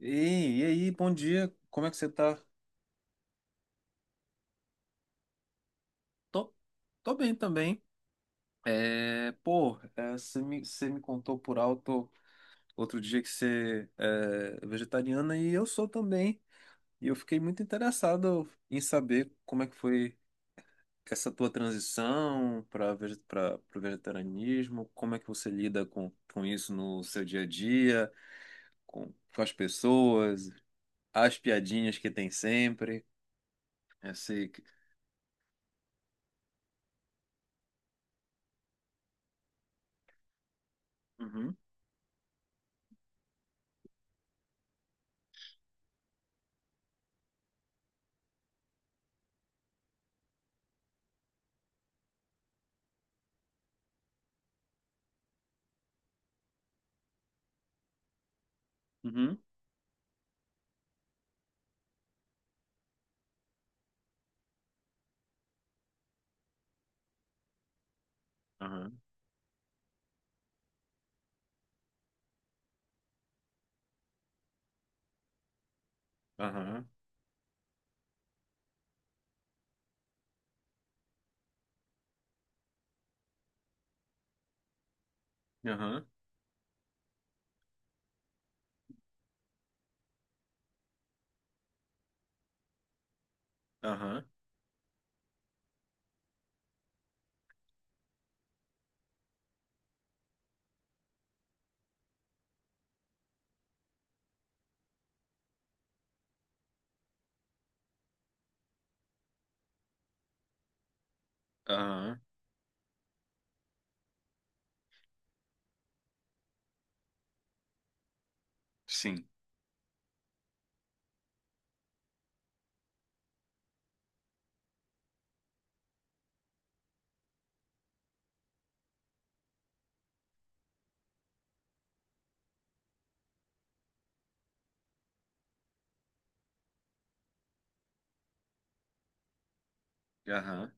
Ei, e aí, bom dia, como é que você tá? Tô, tô bem também. É, pô, é, você me contou por alto outro dia que você é vegetariana e eu sou também. E eu fiquei muito interessado em saber como é que foi essa tua transição para o vegetarianismo, como é que você lida com isso no seu dia a dia, com as pessoas, as piadinhas que tem sempre. Esse... Uhum, uhum, aham. Aham, aham, aham, aham, sim, aham,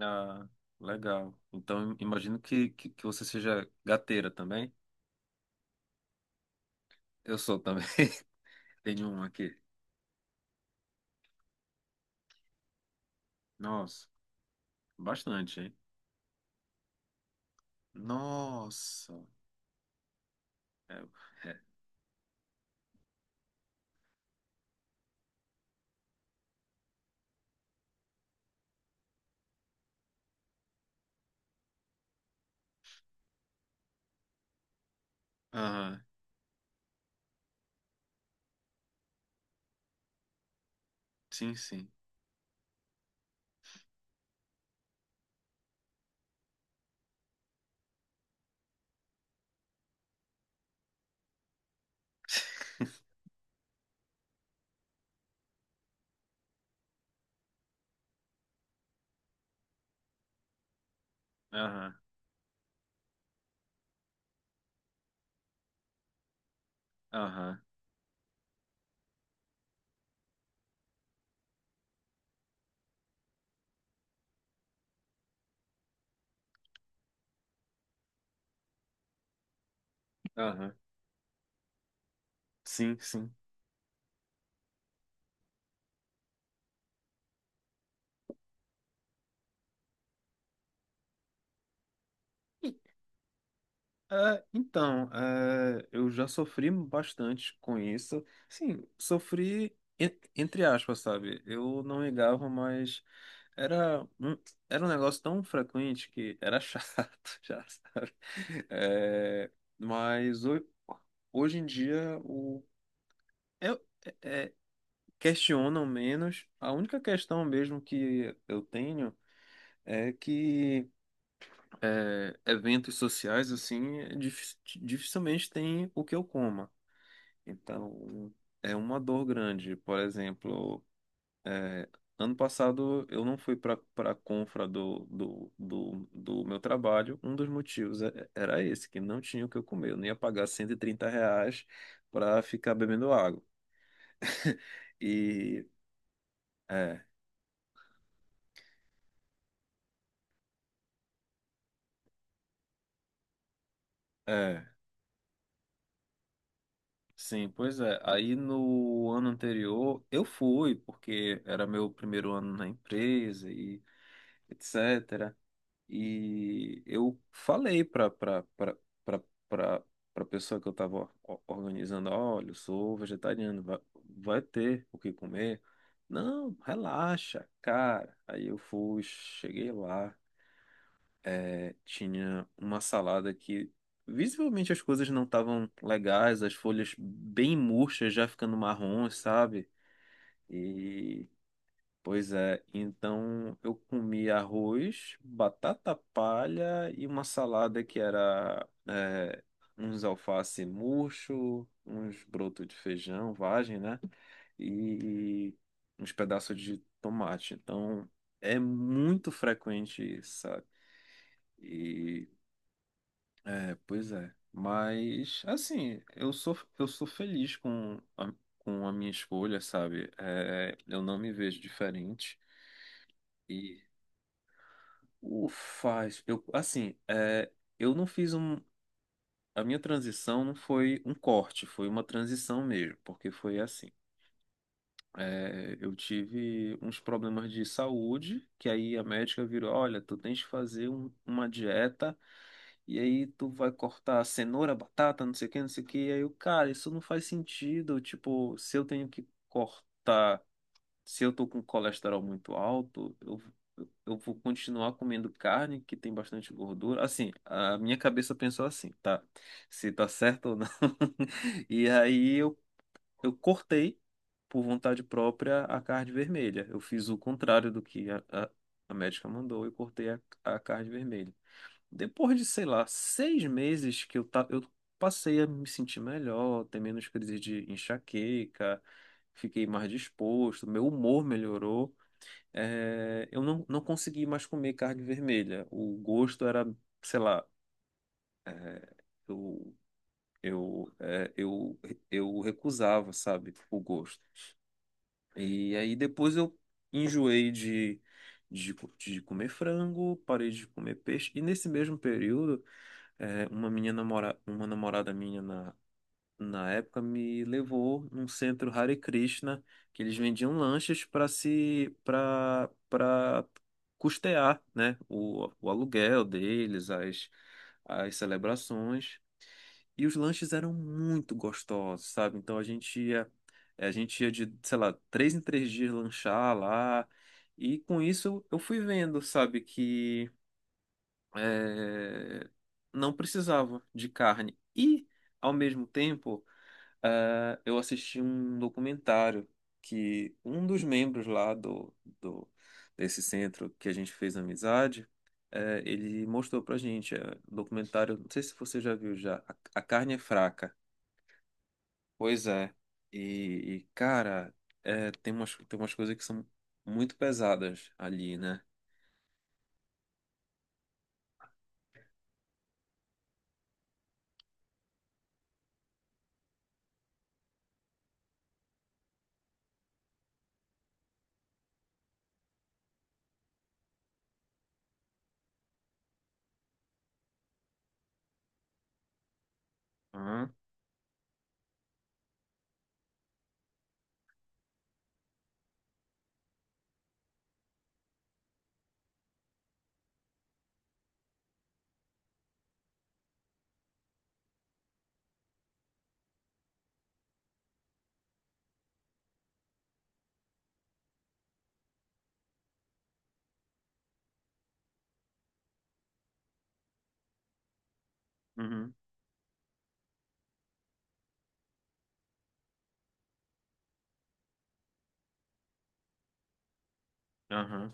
ah, legal. Então, imagino que você seja gateira também. Eu sou também, tenho um aqui. Nossa, bastante, hein? Nossa, é, é. Aham, sim, sim, aham, aham, aham, sim, sim. E, É, então, é, eu já sofri bastante com isso. Sim, sofri entre aspas, sabe? Eu não ligava, mas Era um, era um negócio tão frequente que era chato, já sabe? É, mas hoje em dia o, eu, é, é, questionam menos. A única questão mesmo que eu tenho é que eventos sociais, assim, é dificilmente tem o que eu coma. Então, é uma dor grande. Por exemplo. É, ano passado eu não fui para a confra do meu trabalho. Um dos motivos era esse, que não tinha o que eu comer. Eu não ia pagar R$ 130 para ficar bebendo água. E é, é, sim, pois é. Aí no ano anterior eu fui, porque era meu primeiro ano na empresa e etc. E eu falei para pessoa que eu estava organizando, olha, eu sou vegetariano, vai ter o que comer? Não, relaxa, cara. Aí eu fui, cheguei lá, tinha uma salada que visivelmente as coisas não estavam legais, as folhas bem murchas, já ficando marrons, sabe? Pois é, então eu comi arroz, batata palha e uma salada que era uns alface murcho, uns brotos de feijão, vagem, né? E uns pedaços de tomate. Então é muito frequente, isso, sabe? E é, pois é. Mas assim, eu sou feliz com a minha escolha, sabe? É, eu não me vejo diferente. O faz, eu, assim, eu não fiz um, a minha transição não foi um corte, foi uma transição mesmo, porque foi assim, eu tive uns problemas de saúde, que aí a médica virou, olha, tu tens que fazer uma dieta, e aí tu vai cortar cenoura, batata, não sei o que, não sei o que, e aí eu, cara, isso não faz sentido, tipo, se eu tenho que cortar se eu tô com colesterol muito alto, eu vou continuar comendo carne que tem bastante gordura. Assim, a minha cabeça pensou assim, tá? Se tá certo ou não. E aí eu cortei, por vontade própria, a carne vermelha. Eu fiz o contrário do que a médica mandou, e cortei a carne vermelha. Depois de, sei lá, 6 meses que eu passei a me sentir melhor, ter menos crise de enxaqueca, fiquei mais disposto, meu humor melhorou. É, eu não consegui mais comer carne vermelha. O gosto era, sei lá, é, eu, eu, é, eu, eu recusava, sabe, o gosto. E aí depois eu enjoei de comer frango, parei de comer peixe, e nesse mesmo período. É, uma namorada minha na época me levou num centro Hare Krishna, que eles vendiam lanchas para se para para custear, né, o aluguel deles, as celebrações. E os lanches eram muito gostosos, sabe? Então a gente ia de, sei lá, 3 em 3 dias lanchar lá. E com isso eu fui vendo, sabe, que é, não precisava de carne. E, ao mesmo tempo, eu assisti um documentário que um dos membros lá do- desse centro que a gente fez amizade, ele mostrou pra gente. É, um documentário, não sei se você já viu já, A Carne é Fraca. Pois é. E, e, cara, tem umas coisas que são muito pesadas ali, né? Aham, uhum, aham,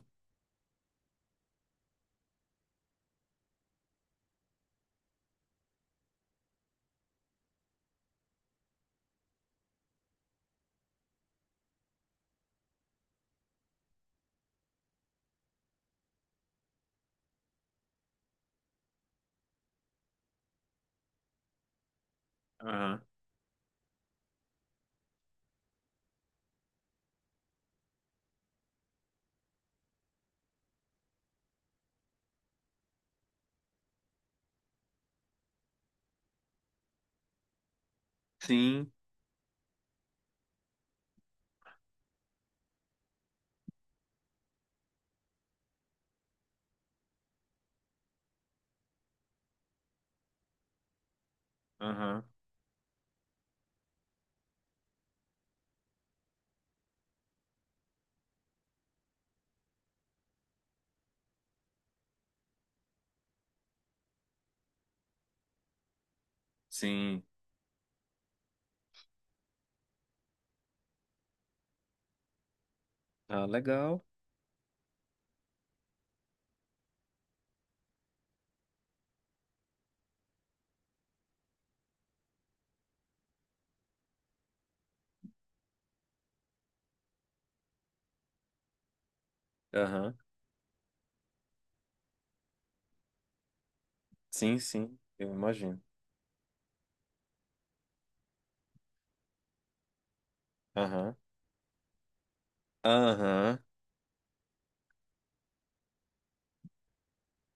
aham. Sim, aham. Sim. Ah, legal. Aham. Sim, sim, eu imagino. Aham. Aham.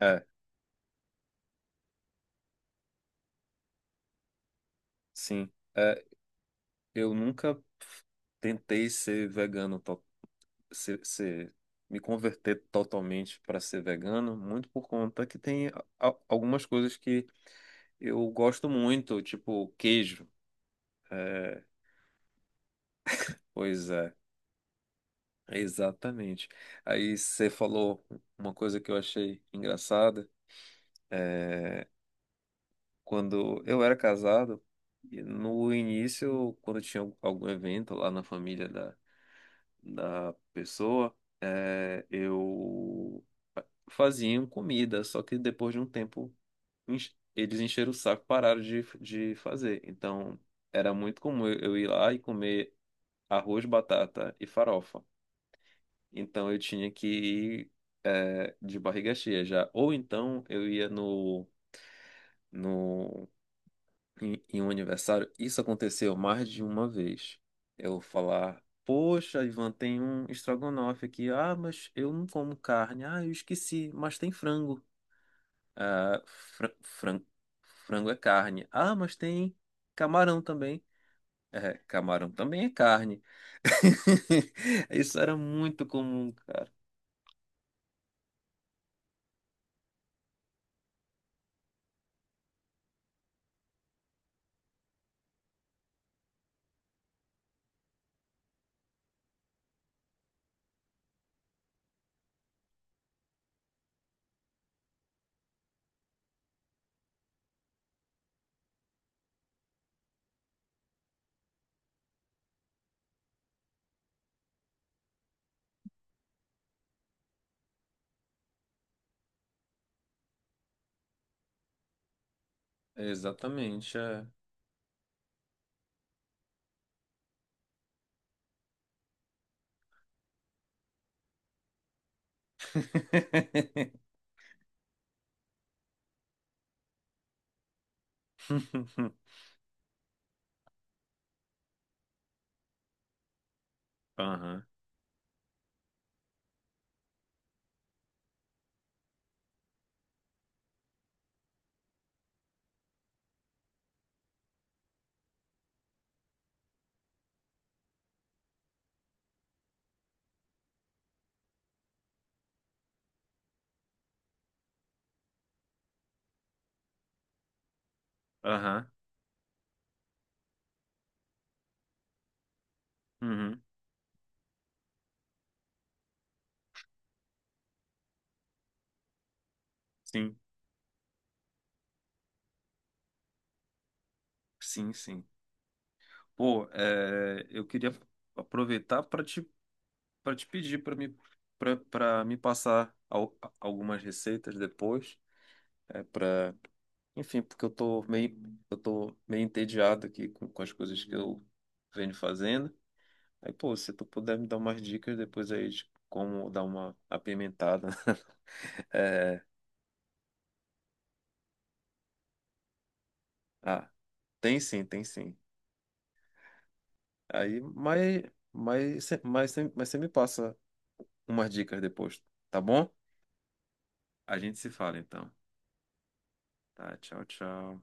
É, sim. É, eu nunca tentei ser vegano, ser, ser- me converter totalmente para ser vegano, muito por conta que tem algumas coisas que eu gosto muito, tipo queijo. É, pois é, exatamente. Aí você falou uma coisa que eu achei engraçada. é, Quando eu era casado, e no início, quando tinha algum evento lá na família da pessoa, eh, eu faziam comida, só que depois de um tempo eles encheram o saco, e pararam de fazer. Então era muito comum eu ir lá e comer arroz, batata e farofa. Então eu tinha que ir de barriga cheia já. Ou então eu ia no, no em, em um aniversário, isso aconteceu mais de uma vez. Eu falar, poxa, Ivan, tem um estrogonofe aqui. Ah, mas eu não como carne. Ah, eu esqueci, mas tem frango. Ah, frango é carne. Ah, mas tem camarão também. É, camarão também é carne. Isso era muito comum, cara. Exatamente, é. Aham, aham, uhum, sim, sim, sim. Pô, é, eu queria aproveitar para te, pedir para me passar algumas receitas depois, é, para, enfim, porque eu tô meio entediado aqui com as coisas que eu venho fazendo. Aí, pô, se tu puder me dar umas dicas depois aí de como dar uma apimentada. É, ah, tem sim, tem sim. Aí, mas você me passa umas dicas depois, tá bom? A gente se fala então. Tá, tchau, tchau.